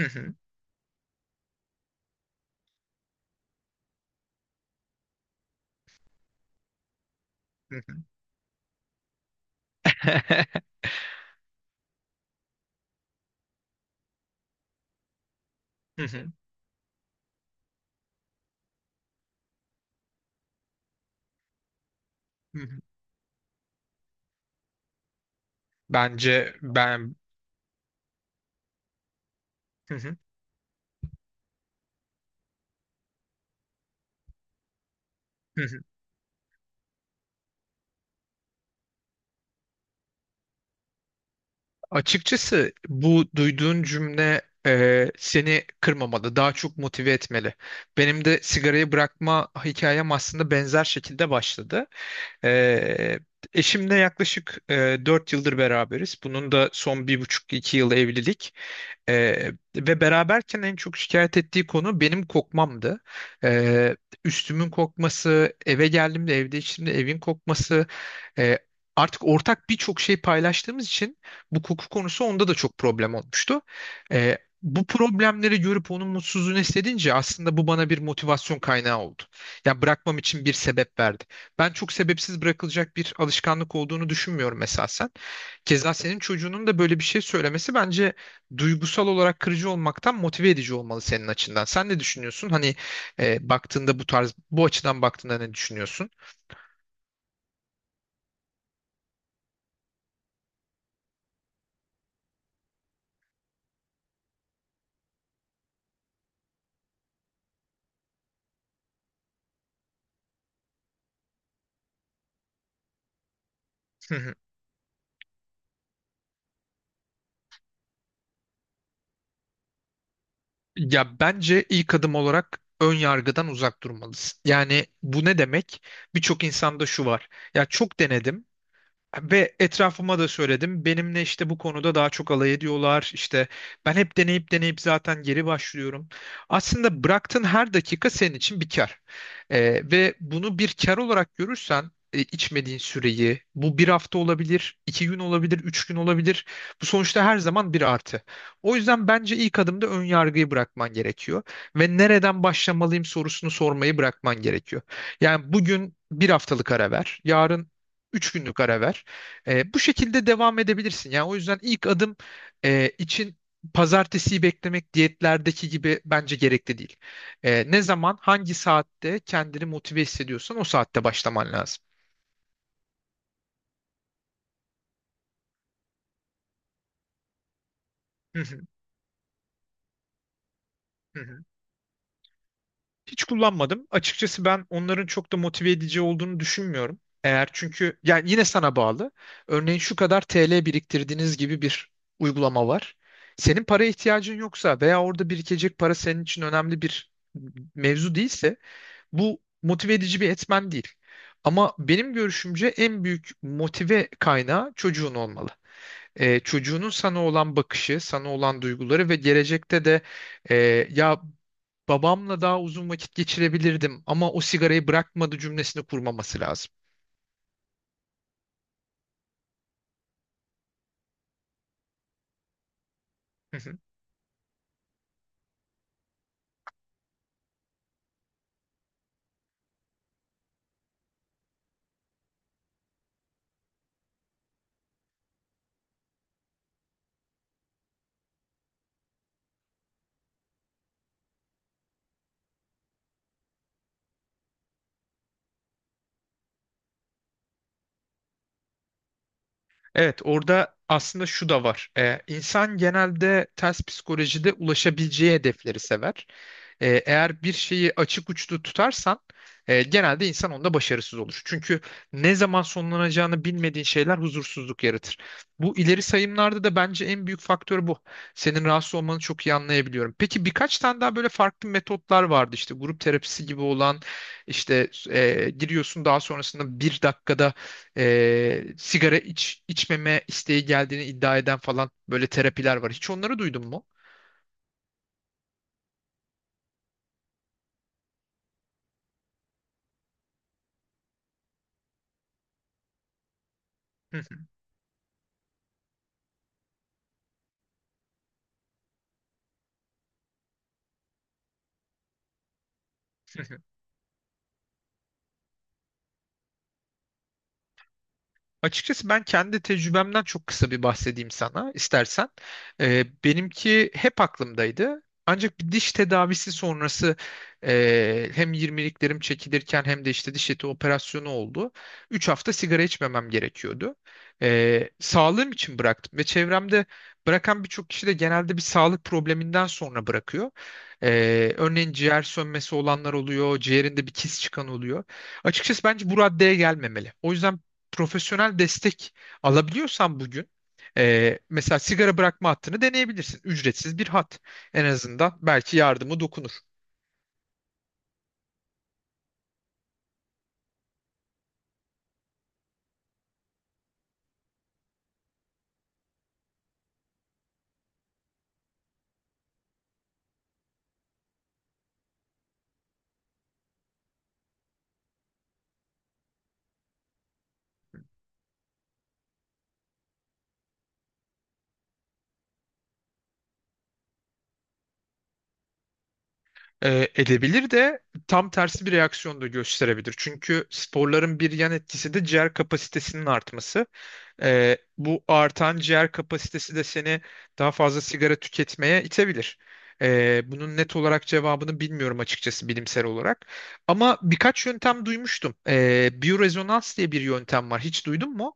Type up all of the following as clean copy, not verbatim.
Hı hı, hı hı, hı hı, hı hı. Bence ben Hı hı, hı hı. Açıkçası bu duyduğun cümle, seni kırmamalı, daha çok motive etmeli. Benim de sigarayı bırakma hikayem aslında benzer şekilde başladı. E, Eşimle yaklaşık 4 yıldır beraberiz. Bunun da son bir buçuk iki yıl evlilik. Ve beraberken en çok şikayet ettiği konu benim kokmamdı. Ee, Üstümün kokması, eve geldiğimde, evde içtiğimde evin kokması, e, artık ortak birçok şey paylaştığımız için bu koku konusu onda da çok problem olmuştu. Bu problemleri görüp onun mutsuzluğunu hissedince aslında bu bana bir motivasyon kaynağı oldu. Yani bırakmam için bir sebep verdi. Ben çok sebepsiz bırakılacak bir alışkanlık olduğunu düşünmüyorum esasen. Keza senin çocuğunun da böyle bir şey söylemesi bence duygusal olarak kırıcı olmaktan motive edici olmalı senin açından. Sen ne düşünüyorsun? Hani baktığında bu tarz, bu açıdan baktığında ne düşünüyorsun? Ya bence ilk adım olarak ön yargıdan uzak durmalısın. Yani bu ne demek? Birçok insanda şu var. Ya çok denedim. Ve etrafıma da söyledim. Benimle işte bu konuda daha çok alay ediyorlar. İşte ben hep deneyip deneyip zaten geri başlıyorum. Aslında bıraktığın her dakika senin için bir kar. Ve bunu bir kar olarak görürsen, içmediğin süreyi, bu bir hafta olabilir, 2 gün olabilir, 3 gün olabilir. Bu sonuçta her zaman bir artı. O yüzden bence ilk adımda ön yargıyı bırakman gerekiyor. Ve nereden başlamalıyım sorusunu sormayı bırakman gerekiyor. Yani bugün bir haftalık ara ver, yarın 3 günlük ara ver. Bu şekilde devam edebilirsin. Yani o yüzden ilk adım için pazartesiyi beklemek diyetlerdeki gibi bence gerekli değil. Ne zaman, hangi saatte kendini motive hissediyorsan o saatte başlaman lazım. Hı hı, hı hı. Hiç kullanmadım. Açıkçası ben onların çok da motive edici olduğunu düşünmüyorum. Eğer çünkü yani yine sana bağlı. Örneğin şu kadar TL biriktirdiğiniz gibi bir uygulama var. Senin paraya ihtiyacın yoksa veya orada birikecek para senin için önemli bir mevzu değilse bu motive edici bir etmen değil. Ama benim görüşümce en büyük motive kaynağı çocuğun olmalı. Çocuğunun sana olan bakışı, sana olan duyguları ve gelecekte de e, ya babamla daha uzun vakit geçirebilirdim ama o sigarayı bırakmadı cümlesini kurmaması lazım. Evet, orada aslında şu da var. İnsan genelde ters psikolojide ulaşabileceği hedefleri sever. Eğer bir şeyi açık uçlu tutarsan genelde insan onda başarısız olur. Çünkü ne zaman sonlanacağını bilmediğin şeyler huzursuzluk yaratır. Bu ileri sayımlarda da bence en büyük faktör bu. Senin rahatsız olmanı çok iyi anlayabiliyorum. Peki birkaç tane daha böyle farklı metotlar vardı. İşte grup terapisi gibi olan işte giriyorsun, daha sonrasında bir dakikada sigara iç, içmeme isteği geldiğini iddia eden falan böyle terapiler var. Hiç onları duydun mu? Açıkçası ben kendi tecrübemden çok kısa bir bahsedeyim sana istersen. Benimki hep aklımdaydı. Ancak bir diş tedavisi sonrası hem 20'liklerim çekilirken hem de işte diş eti operasyonu oldu. 3 hafta sigara içmemem gerekiyordu. Sağlığım için bıraktım ve çevremde bırakan birçok kişi de genelde bir sağlık probleminden sonra bırakıyor. Örneğin ciğer sönmesi olanlar oluyor, ciğerinde bir kis çıkan oluyor. Açıkçası bence bu raddeye gelmemeli. O yüzden profesyonel destek alabiliyorsan bugün mesela sigara bırakma hattını deneyebilirsin. Ücretsiz bir hat. En azından belki yardımı dokunur. Edebilir de tam tersi bir reaksiyon da gösterebilir. Çünkü sporların bir yan etkisi de ciğer kapasitesinin artması. Bu artan ciğer kapasitesi de seni daha fazla sigara tüketmeye itebilir. Bunun net olarak cevabını bilmiyorum açıkçası bilimsel olarak. Ama birkaç yöntem duymuştum. Biyorezonans diye bir yöntem var. Hiç duydun mu?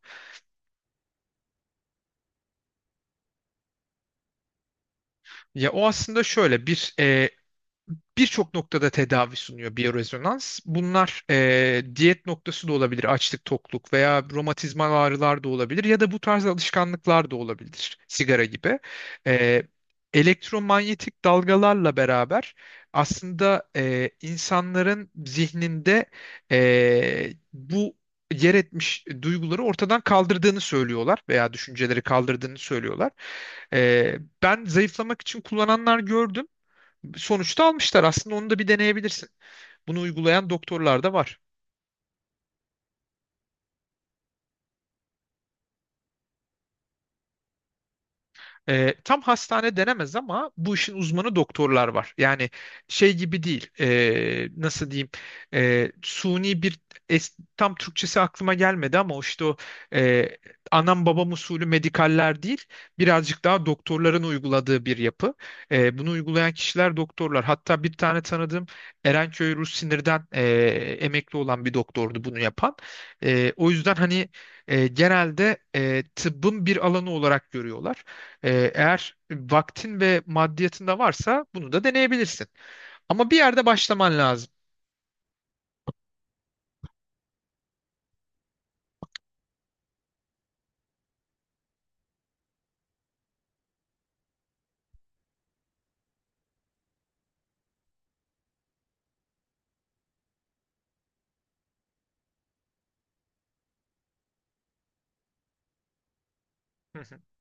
Ya o aslında şöyle bir birçok noktada tedavi sunuyor biyorezonans. Bunlar diyet noktası da olabilir, açlık, tokluk veya romatizmal ağrılar da olabilir ya da bu tarz alışkanlıklar da olabilir, sigara gibi. E, Elektromanyetik dalgalarla beraber aslında insanların zihninde bu yer etmiş duyguları ortadan kaldırdığını söylüyorlar veya düşünceleri kaldırdığını söylüyorlar. E, Ben zayıflamak için kullananlar gördüm, sonuçta almışlar. Aslında onu da bir deneyebilirsin. Bunu uygulayan doktorlar da var. Tam hastane denemez ama bu işin uzmanı doktorlar var. Yani şey gibi değil. Nasıl diyeyim? Suni bir tam Türkçesi aklıma gelmedi ama o işte o e, anam babam usulü medikaller değil. Birazcık daha doktorların uyguladığı bir yapı. Bunu uygulayan kişiler doktorlar. Hatta bir tane tanıdığım Erenköy Rus Sinir'den emekli olan bir doktordu bunu yapan. O yüzden hani genelde tıbbın bir alanı olarak görüyorlar. Eğer vaktin ve maddiyatında varsa bunu da deneyebilirsin. Ama bir yerde başlaman lazım.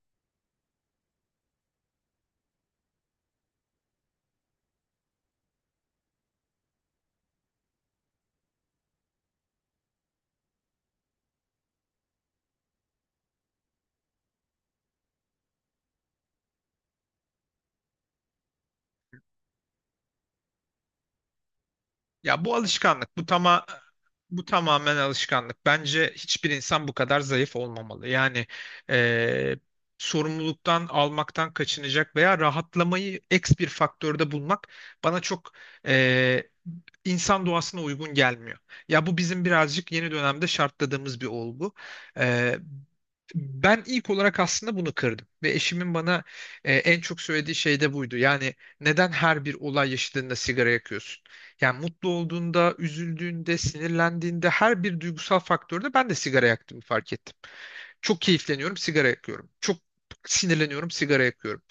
Ya bu alışkanlık, bu tamamen alışkanlık. Bence hiçbir insan bu kadar zayıf olmamalı. Yani eee, sorumluluktan almaktan kaçınacak veya rahatlamayı eks bir faktörde bulmak bana çok eee, insan doğasına uygun gelmiyor. Ya bu bizim birazcık yeni dönemde şartladığımız bir olgu. Eee, Ben ilk olarak aslında bunu kırdım ve eşimin bana en çok söylediği şey de buydu. Yani neden her bir olay yaşadığında sigara yakıyorsun? Yani mutlu olduğunda, üzüldüğünde, sinirlendiğinde her bir duygusal faktörde ben de sigara yaktığımı fark ettim. Çok keyifleniyorum, sigara yakıyorum. Çok sinirleniyorum, sigara yakıyorum.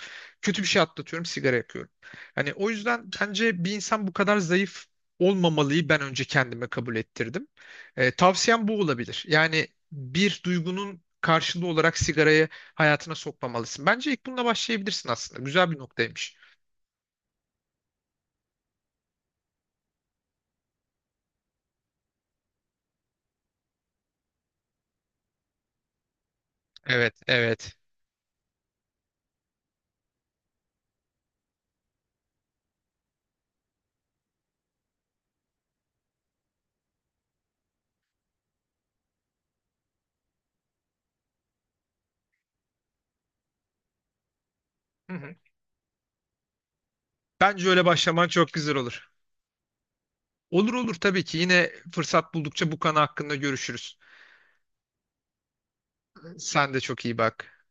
Kötü bir şey atlatıyorum, sigara yakıyorum. Hani o yüzden bence bir insan bu kadar zayıf olmamalıyı ben önce kendime kabul ettirdim. Tavsiyem bu olabilir. Yani bir duygunun karşılığı olarak sigarayı hayatına sokmamalısın. Bence ilk bununla başlayabilirsin aslında. Güzel bir noktaymış. Evet, evet. Hı hı. Bence öyle başlaman çok güzel olur. Olur olur, tabii ki. Yine fırsat buldukça bu konu hakkında görüşürüz. Sen de çok iyi bak.